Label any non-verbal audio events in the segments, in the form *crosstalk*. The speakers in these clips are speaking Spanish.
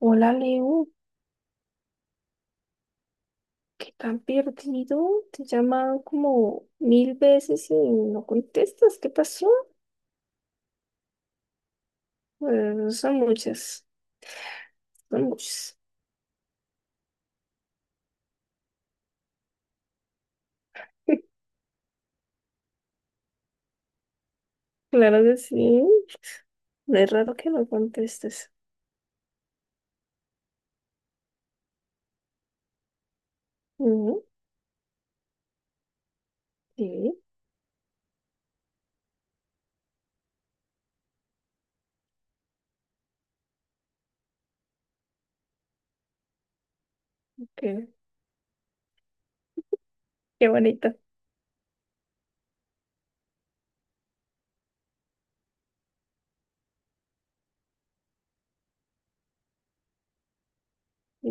Hola Leo, ¿qué tan perdido? Te llaman como mil veces y no contestas. ¿Qué pasó? Bueno, son muchas, son muchas. *laughs* Claro que sí. No. Es raro que no contestes. Ujú. Sí, qué, qué bonita. Sí,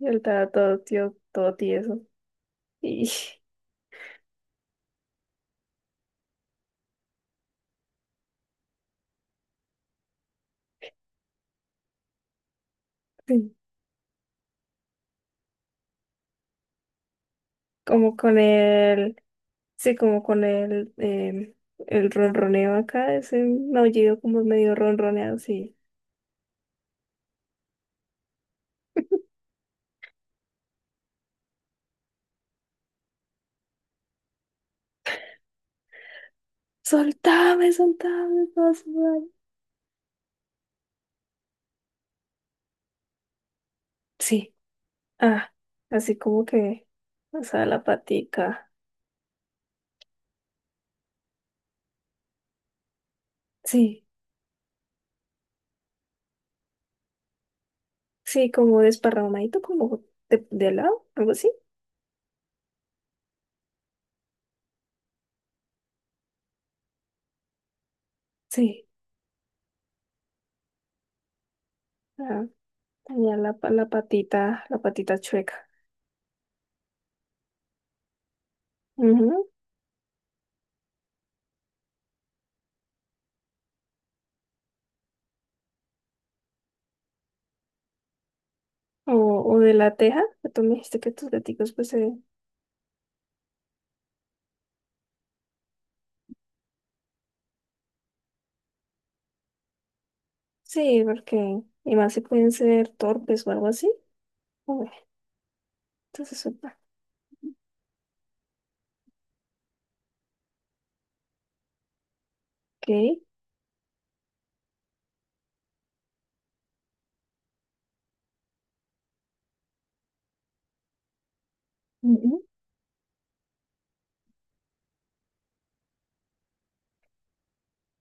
y él estaba todo tío, todo tieso. Y *laughs* sí, como con el, sí, como con el, el ronroneo acá, ese maullido como medio ronroneado, sí. Soltame, soltame, me va a sudar. Sí, ah, así como que, o sea, la patica. Sí, sí, como desparramadito, como de lado, algo así. Sí, ah, tenía la, pa- la patita chueca. Ujú. O, o de la teja, que tú me dijiste que tus gaticos, pues, se- sí, porque, y más si pueden ser torpes o algo así. Bueno, entonces, suelta. Ok. Ujú.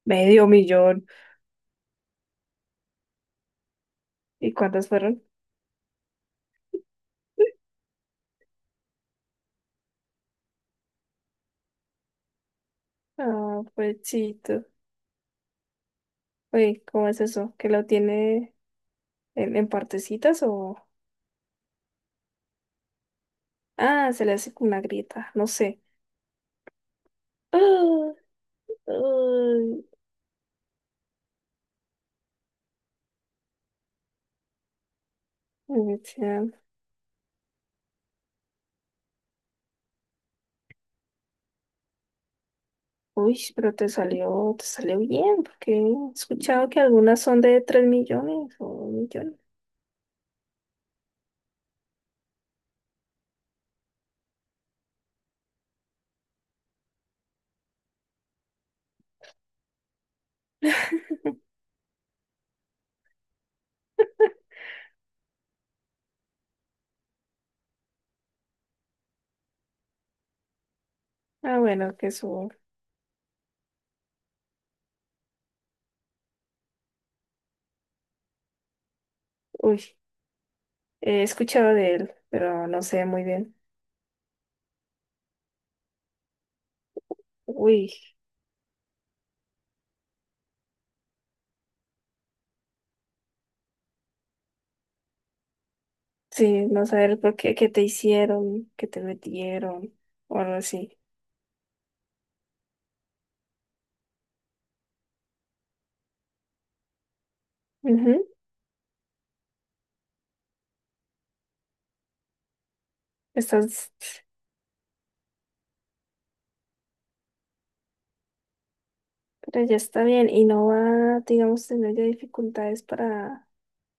Medio millón. ¿Y cuántas fueron? *laughs* Ah, pechito. Uy, ¿cómo es eso? ¿Que lo tiene en partecitas o…? Ah, se le hace con una grieta, no sé. *gasps* Ah, ay, me decían. Uy, pero te salió bien, porque he escuchado que algunas son de 3 millones o un millón. Ah, bueno, que eso… Uy, he escuchado de él, pero no sé muy bien. Uy, sí, no saber por qué, qué te hicieron, qué te metieron, o algo así. Ujú. Estás… Pero ya está bien y no va, digamos, tener ya dificultades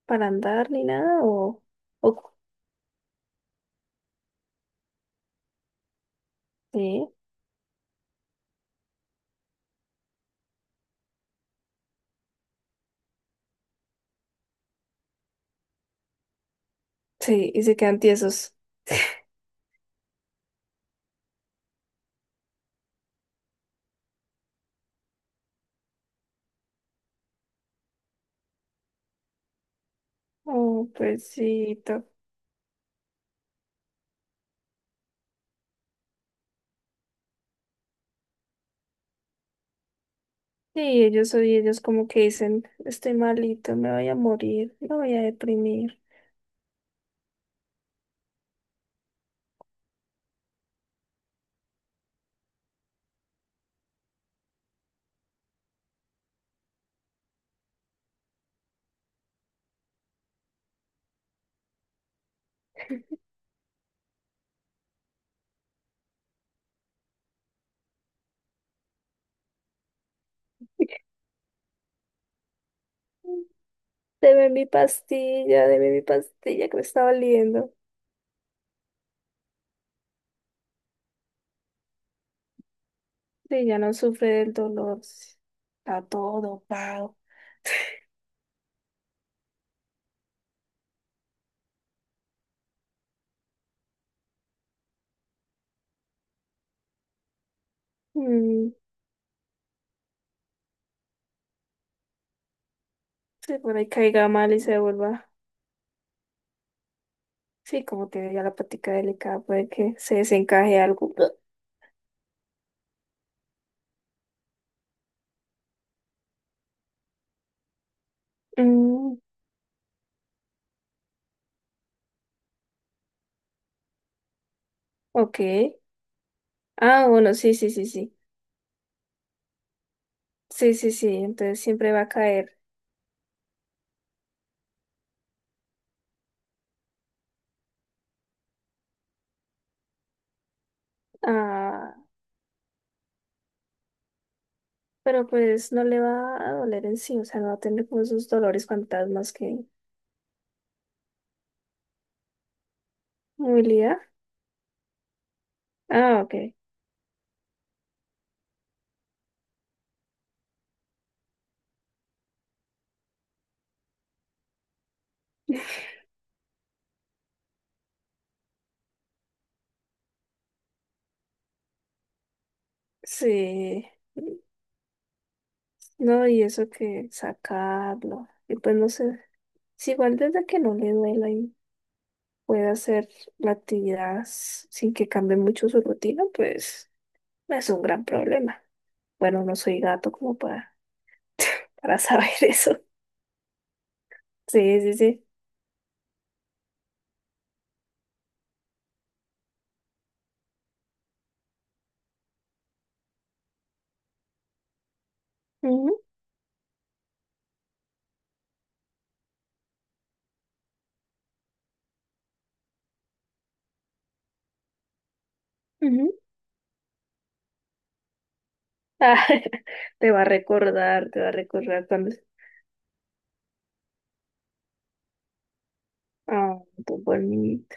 para andar ni nada o, o sí, sí, y se quedan tiesos. Oh, pobrecito. Sí, ellos hoy, ellos como que dicen, estoy malito, me voy a morir, me voy a deprimir. Deme mi pastilla que me está doliendo. Sí, ya no sufre del dolor. Está todo, pao. Mm, sí, por ahí caiga mal y se vuelva. Sí, como tiene ya la plática delicada, puede que se desencaje algo. *clears throat* Mm, ok. Ah, bueno, sí, sí, sí, sí. Sí, sí, sí, entonces siempre va a caer. Ah, pero pues no le va a doler en sí, o sea, no va a tener como esos dolores fantasmas que… Movilidad. Ah, ok. *laughs* Sí. No, y eso que sacarlo. Y pues no sé. Si igual desde que no le duela y pueda hacer la actividad s- sin que cambie mucho su rutina, pues. No es un gran problema. Bueno, no soy gato como para, *laughs* para saber eso. Sí, sí, sí. Ujú, ujú. Ah, *laughs* te va a recordar, te va a recordar cuando… Ah, tu buen niñito.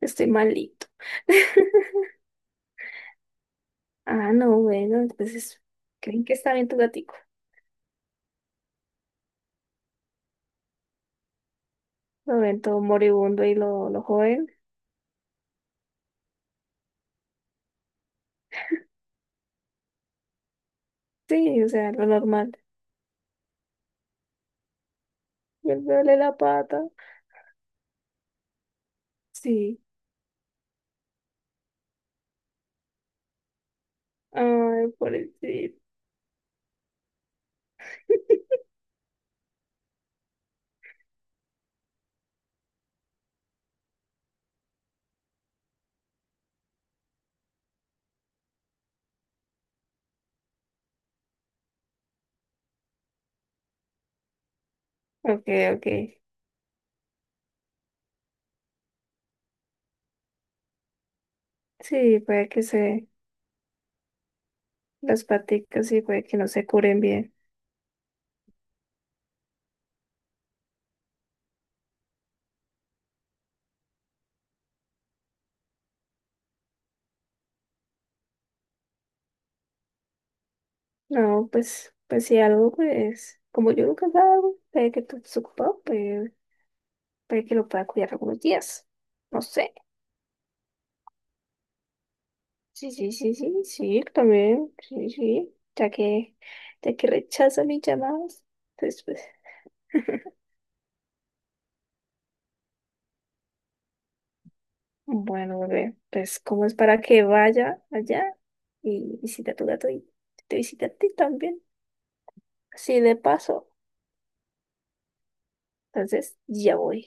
Estoy malito. *laughs* Ah, no, bueno, entonces, ¿creen que está bien tu gatico? Lo ven todo moribundo y lo joven. Sí, o sea, lo normal. Y él duele la pata. Sí. Ay, pobrecito. Ok, ok. Sí, puede que se… las paticas y puede que no se curen bien. No, pues, pues si algo, pues, como yo nunca salgo, puede que tú estés ocupado, pues, puede que lo pueda cuidar algunos días. No sé. Sí, sí, sí, sí, sí, también, sí, sí, ya que rechaza mis llamadas, entonces, pues, *laughs* bueno, bebé, pues, ¿cómo es para que vaya allá y visita a tu gato y te visita a ti también? Así de paso, entonces,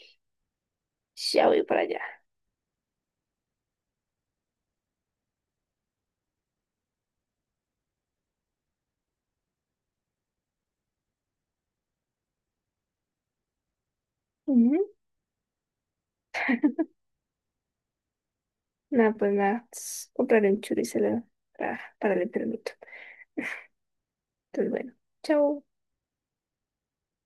ya voy para allá. Nada, pues nada. Compraré un churro y se lo para el enfermito. Entonces, bueno, chao.